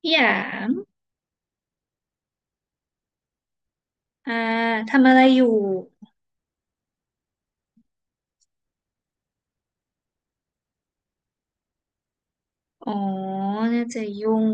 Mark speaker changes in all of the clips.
Speaker 1: พี่หยางอ่าทำอะไรอยู่อ๋อน่าจะยุ่ง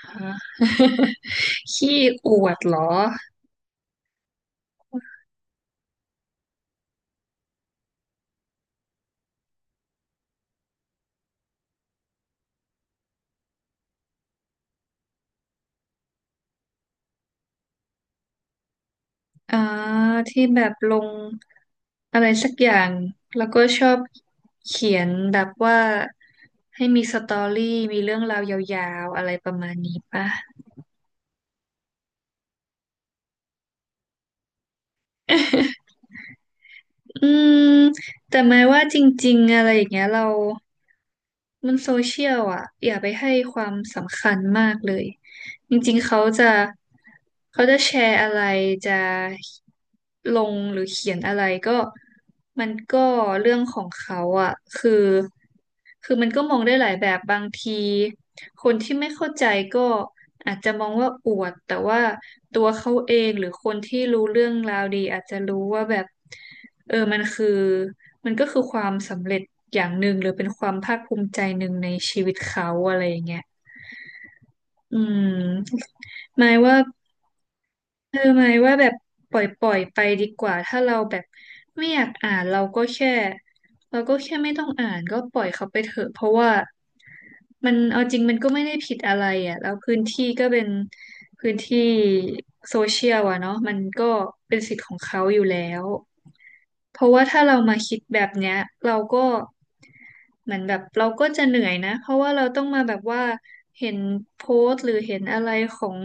Speaker 1: ฮะ ขี้อวดเหรออ่าที่แบบลงอะไรสักอย่างแล้วก็ชอบเขียนแบบว่าให้มีสตอรี่มีเรื่องราวยาวๆอะไรประมาณนี้ป่ะ อืมแต่หมายว่าจริงๆอะไรอย่างเงี้ยเรามันโซเชียลอ่ะอย่าไปให้ความสำคัญมากเลย จริงๆเขาจะแชร์อะไรจะลงหรือเขียนอะไรก็มันก็เรื่องของเขาอ่ะคือมันก็มองได้หลายแบบบางทีคนที่ไม่เข้าใจก็อาจจะมองว่าอวดแต่ว่าตัวเขาเองหรือคนที่รู้เรื่องราวดีอาจจะรู้ว่าแบบเออมันคือมันก็คือความสำเร็จอย่างหนึ่งหรือเป็นความภาคภูมิใจหนึ่งในชีวิตเขาอะไรอย่างเงี้ย อืมหมายว่าหมายว่าแบบปล่อยปล่อยไปดีกว่าถ้าเราแบบไม่อยากอ่านเราก็แค่ไม่ต้องอ่านก็ปล่อยเขาไปเถอะเพราะว่ามันเอาจริงมันก็ไม่ได้ผิดอะไรอ่ะแล้วพื้นที่ก็เป็นพื้นที่โซเชียลอ่ะเนาะมันก็เป็นสิทธิ์ของเขาอยู่แล้ว เพราะว่าถ้าเรามาคิดแบบเนี้ยเราก็เหมือนแบบเราก็จะเหนื่อยนะเพราะว่าเราต้องมาแบบว่าเห็นโพสต์หรือเห็นอะไรของ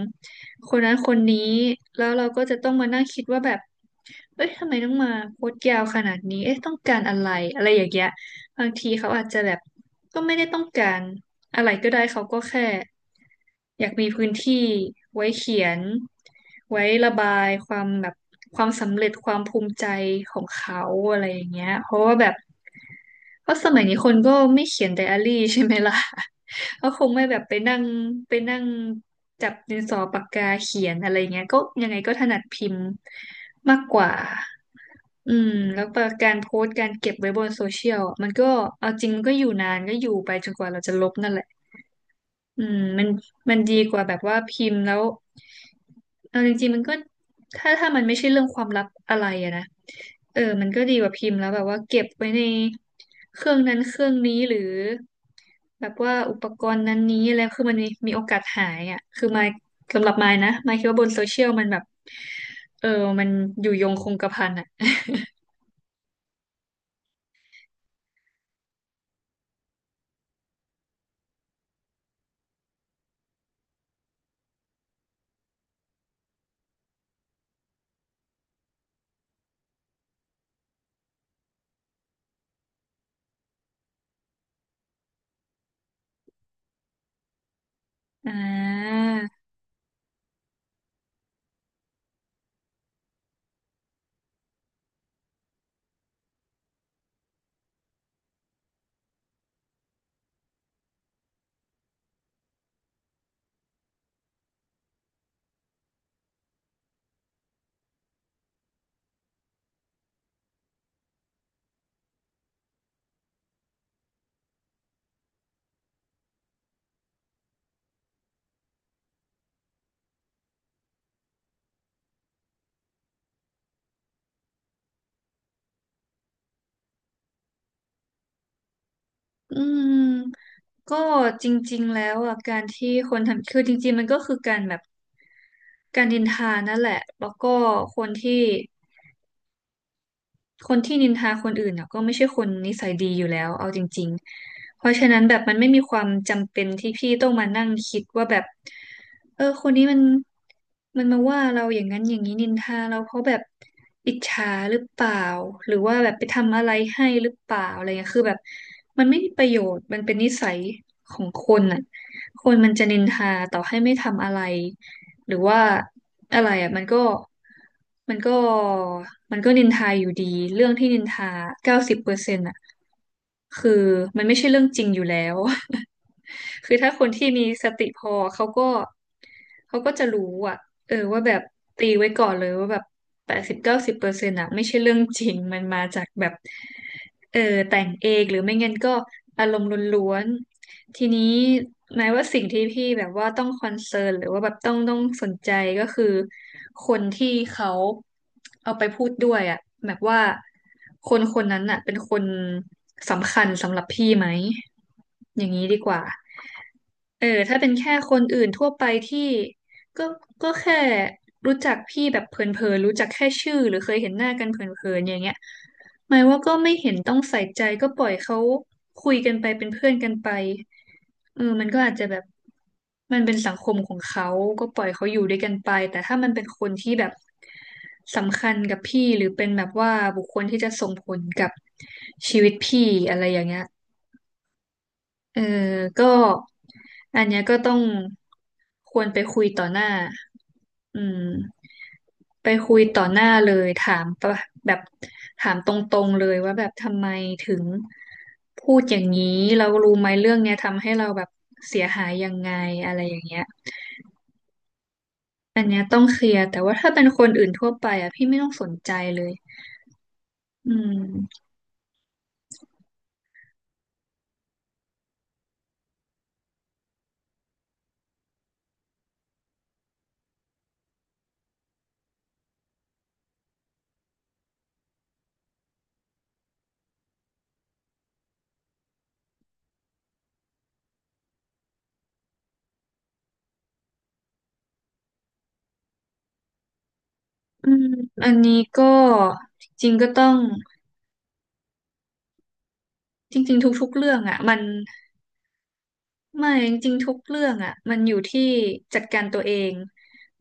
Speaker 1: คนนั้นคนนี้แล้วเราก็จะต้องมานั่งคิดว่าแบบเอ้ยทำไมต้องมาโพสต์ยาวขนาดนี้เอ๊ะต้องการอะไรอะไรอย่างเงี้ยบางทีเขาอาจจะแบบก็ไม่ได้ต้องการอะไรก็ได้เขาก็แค่ อยากมีพื้นที่ไว้เขียนไว้ระบายความแบบความสำเร็จความภูมิใจของเขาอะไรอย่างเงี้ยเพราะว่าแบบเพราะสมัยนี้คนก็ไม่เขียนไดอารี่ใช่ไหมล่ะ ก็คงไม่แบบไปนั่งไปนั่งจับดินสอปากกาเขียนอะไรเงี้ยก็ยังไงก็ถนัดพิมพ์มากกว่าอืมแล้วก็การโพสต์การเก็บไว้บนโซเชียลอะมันก็เอาจริงมันก็อยู่นานก็อยู่ไปจนกว่าเราจะลบนั่นแหละ อืมมันดีกว่าแบบว่าพิมพ์แล้วเอาจริงๆมันก็ถ้ามันไม่ใช่เรื่องความลับอะไรอะนะเออมันก็ดีกว่าพิมพ์แล้วแบบว่าเก็บไว้ในเครื่องนั้นเครื่องนี้หรือแบบว่าอุปกรณ์นั้นนี้อะไรคือมันมีโอกาสหายอ่ะคือมายสำหรับมายนะมายคิดว่าบนโซเชียลมันแบบเออมันอยู่ยงคงกระพันอ่ะอ่าอืมก็จริงๆแล้วอ่ะการที่คนทำคือจริงๆมันก็คือการแบบ การนินทานั่นแหละ แล้วก็คนที่คนที่นินทาคนอื่นเนี่ยก็ไม่ใช่คนนิสัยดีอยู่แล้วเอาจริงๆเพราะฉะนั้นแบบมันไม่มีความจำเป็นที่พี่ต้องมานั่งคิดว่าแบบเออคนนี้มันมาว่าเราอย่างนั้นอย่างนี้นินทาเราเพราะแบบอิจฉาหรือเปล่าหรือว่าแบบไปทำอะไรให้หรือเปล่าอะไรเงี้ยคือแบบมันไม่มีประโยชน์มันเป็นนิสัยของคนอ่ะคนมันจะนินทาต่อให้ไม่ทำอะไร หรือว่าอะไรอ่ะมันก็มันก็นินทาอยู่ดีเรื่องที่นินทาเก้าสิบเปอร์เซ็นต์อ่ะคือมันไม่ใช่เรื่องจริงอยู่แล้ว คือถ้าคนที่มีสติพอเขาก็จะรู้อ่ะเออว่าแบบตีไว้ก่อนเลยว่าแบบ80-90%อ่ะไม่ใช่เรื่องจริงมันมาจากแบบเออแต่งเองหรือไม่งั้นก็อารมณ์ล้วน ทีนี้หมายว่าสิ่งที่พี่แบบว่าต้องคอนเซิร์นหรือว่าแบบต้องสนใจก็คือคนที่เขาเอาไปพูดด้วยอ่ะแบบว่าคนคนนั้นอ่ะเป็นคนสำคัญสำหรับพี่ไหมอย่างนี้ดีกว่า เออถ้าเป็นแค่คนอื่นทั่วไปที่ก็ก็แค่รู้จักพี่แบบเผินๆรู้จักแค่ชื่อหรือเคยเห็นหน้ากันเผินๆอย่างเงี้ยหมายว่าก็ไม่เห็นต้องใส่ใจก็ปล่อยเขาคุยกันไปเป็นเพื่อนกันไปเออมันก็อาจจะแบบมันเป็นสังคมของเขาก็ปล่อยเขาอยู่ด้วยกันไปแต่ถ้ามันเป็นคนที่แบบสำคัญกับพี่หรือเป็นแบบว่าบุคคลที่จะส่งผลกับชีวิตพี่อะไรอย่างเงี้ย เออก็อันเนี้ยก็ต้องควรไปคุยต่อหน้าอืมไปคุยต่อหน้าเลยถามปะแบบถามตรงๆเลยว่าแบบทำไมถึงพูดอย่างนี้เรารู้ไหมเรื่องเนี้ยทำให้เราแบบเสียหายยังไงอะไรอย่างเงี้ยอันเนี้ยต้องเคลียร์แต่ว่าถ้าเป็นคนอื่นทั่วไปอ่ะพี่ไม่ต้องสนใจเลยอืมอืมอันนี้ก็จริงๆก็ต้องจริงๆทุกๆเรื่องอ่ะมัน ไม่จริงๆทุกเรื่องอ่ะมันอยู่ที่จัดการตัวเอง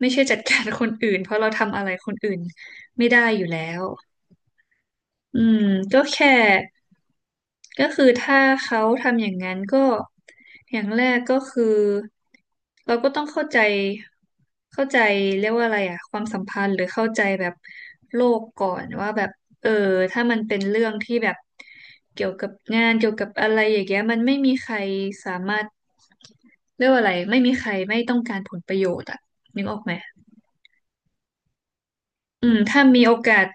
Speaker 1: ไม่ใช่จัดการคนอื่นเพราะเราทำอะไรคนอื่นไม่ได้อยู่แล้ว อืมก็แค่ก็คือถ้าเขาทำอย่างนั้นก็อย่างแรกก็คือเราก็ต้องเข้าใจเรียกว่าอะไรอะความสัมพันธ์หรือเข้าใจแบบโลกก่อนว่าแบบเออถ้ามันเป็นเรื่องที่แบบเกี่ยวกับงานเกี่ยวกับอะไรอย่างเงี้ยมันไม่มีใครสามารถเรียกว่าอะไรไม่มีใครไม่ต้องการผลประโยชน์อะนึกออกไหม อืมถ้ามีโอกาส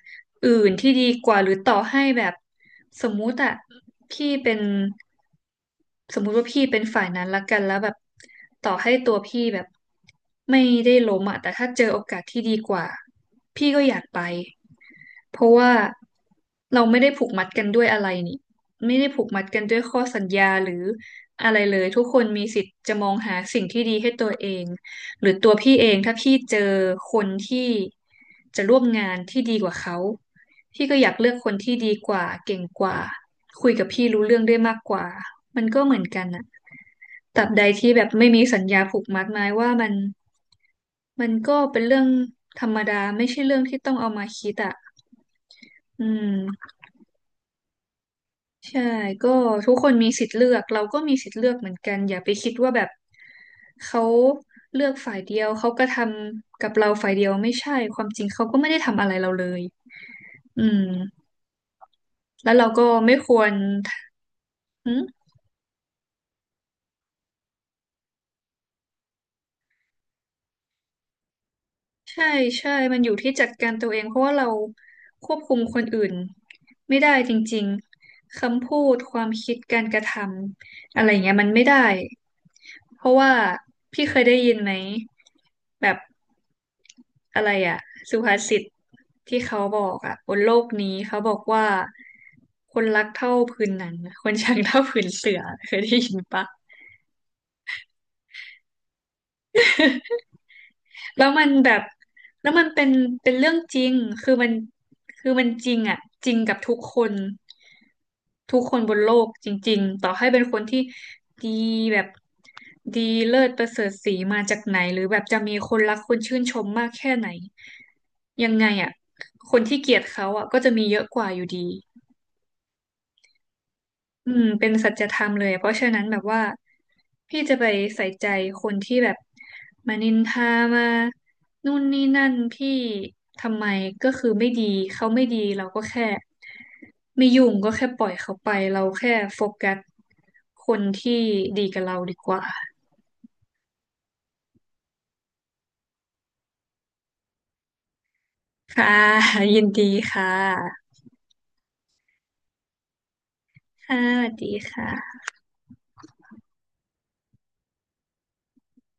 Speaker 1: อื่นที่ดีกว่าหรือต่อให้แบบสมมุติอะพี่เป็นสมมุติว่าพี่เป็นฝ่ายนั้นละกันแล้วแบบต่อให้ตัวพี่แบบไม่ได้ล้มอะแต่ถ้าเจอโอกาสที่ดีกว่าพี่ก็อยากไป เพราะว่าเราไม่ได้ผูกมัดกันด้วยอะไรนี่ไม่ได้ผูกมัดกันด้วยข้อสัญญาหรืออะไรเลยทุกคนมีสิทธิ์จะมองหาสิ่งที่ดีให้ตัวเองหรือตัวพี่เองถ้าพี่เจอคนที่จะร่วมงานที่ดีกว่าเขาพี่ก็อยากเลือกคนที่ดีกว่าเก่งกว่าคุยกับพี่รู้เรื่องได้มากกว่ามันก็เหมือนกันอะตราบใดที่แบบไม่มีสัญญาผูกมัดหมายว่ามันมันก็เป็นเรื่องธรรมดาไม่ใช่เรื่องที่ต้องเอามาคิดอะอืม ใช่ก็ทุกคนมีสิทธิ์เลือกเราก็มีสิทธิ์เลือกเหมือนกันอย่าไปคิดว่าแบบเขาเลือกฝ่ายเดียวเขาก็ทำกับเราฝ่ายเดียวไม่ใช่ความจริงเขาก็ไม่ได้ทำอะไรเราเลยอืมแล้วเราก็ไม่ควร ใช่ใช่มันอยู่ที่จัดการตัวเองเพราะว่าเราควบคุมคนอื่นไม่ได้จริงๆคำพูดความคิดการกระทำอะไรเงี้ยมันไม่ได้เพราะว่าพี่เคยได้ยินไหมแบบอะไรอะสุภาษิตที่เขาบอกอะบนโลกนี้เขาบอกว่าคนรักเท่าผืนหนังคนชังเท่าผืนเสือเคยได้ยินปะ แล้วมันแบบแล้วมันเป็นเรื่องจริงคือมันคือมันจริงอ่ะจริงกับทุกคนทุกคนบนโลกจริงๆต่อให้เป็นคนที่ดีแบบดีเลิศประเสริฐศรีมาจากไหนหรือแบบจะมีคนรักคนชื่นชมมากแค่ไหนยังไงอ่ะคนที่เกลียดเขาอ่ะก็จะมีเยอะกว่าอยู่ดี อืมเป็นสัจธรรมเลยเพราะฉะนั้นแบบว่าพี่จะไปใส่ใจคนที่แบบมานินทามานู่นนี่นั่นพี่ทำไมก็คือไม่ดีเขาไม่ดีเราก็แค่ไม่ยุ่งก็แค่ปล่อยเขาไปเราแค่โฟกัสคนที่ดีกับเราดีกว่าค่ะ ยินดีค่ะค่ะสวัสดีค่ะ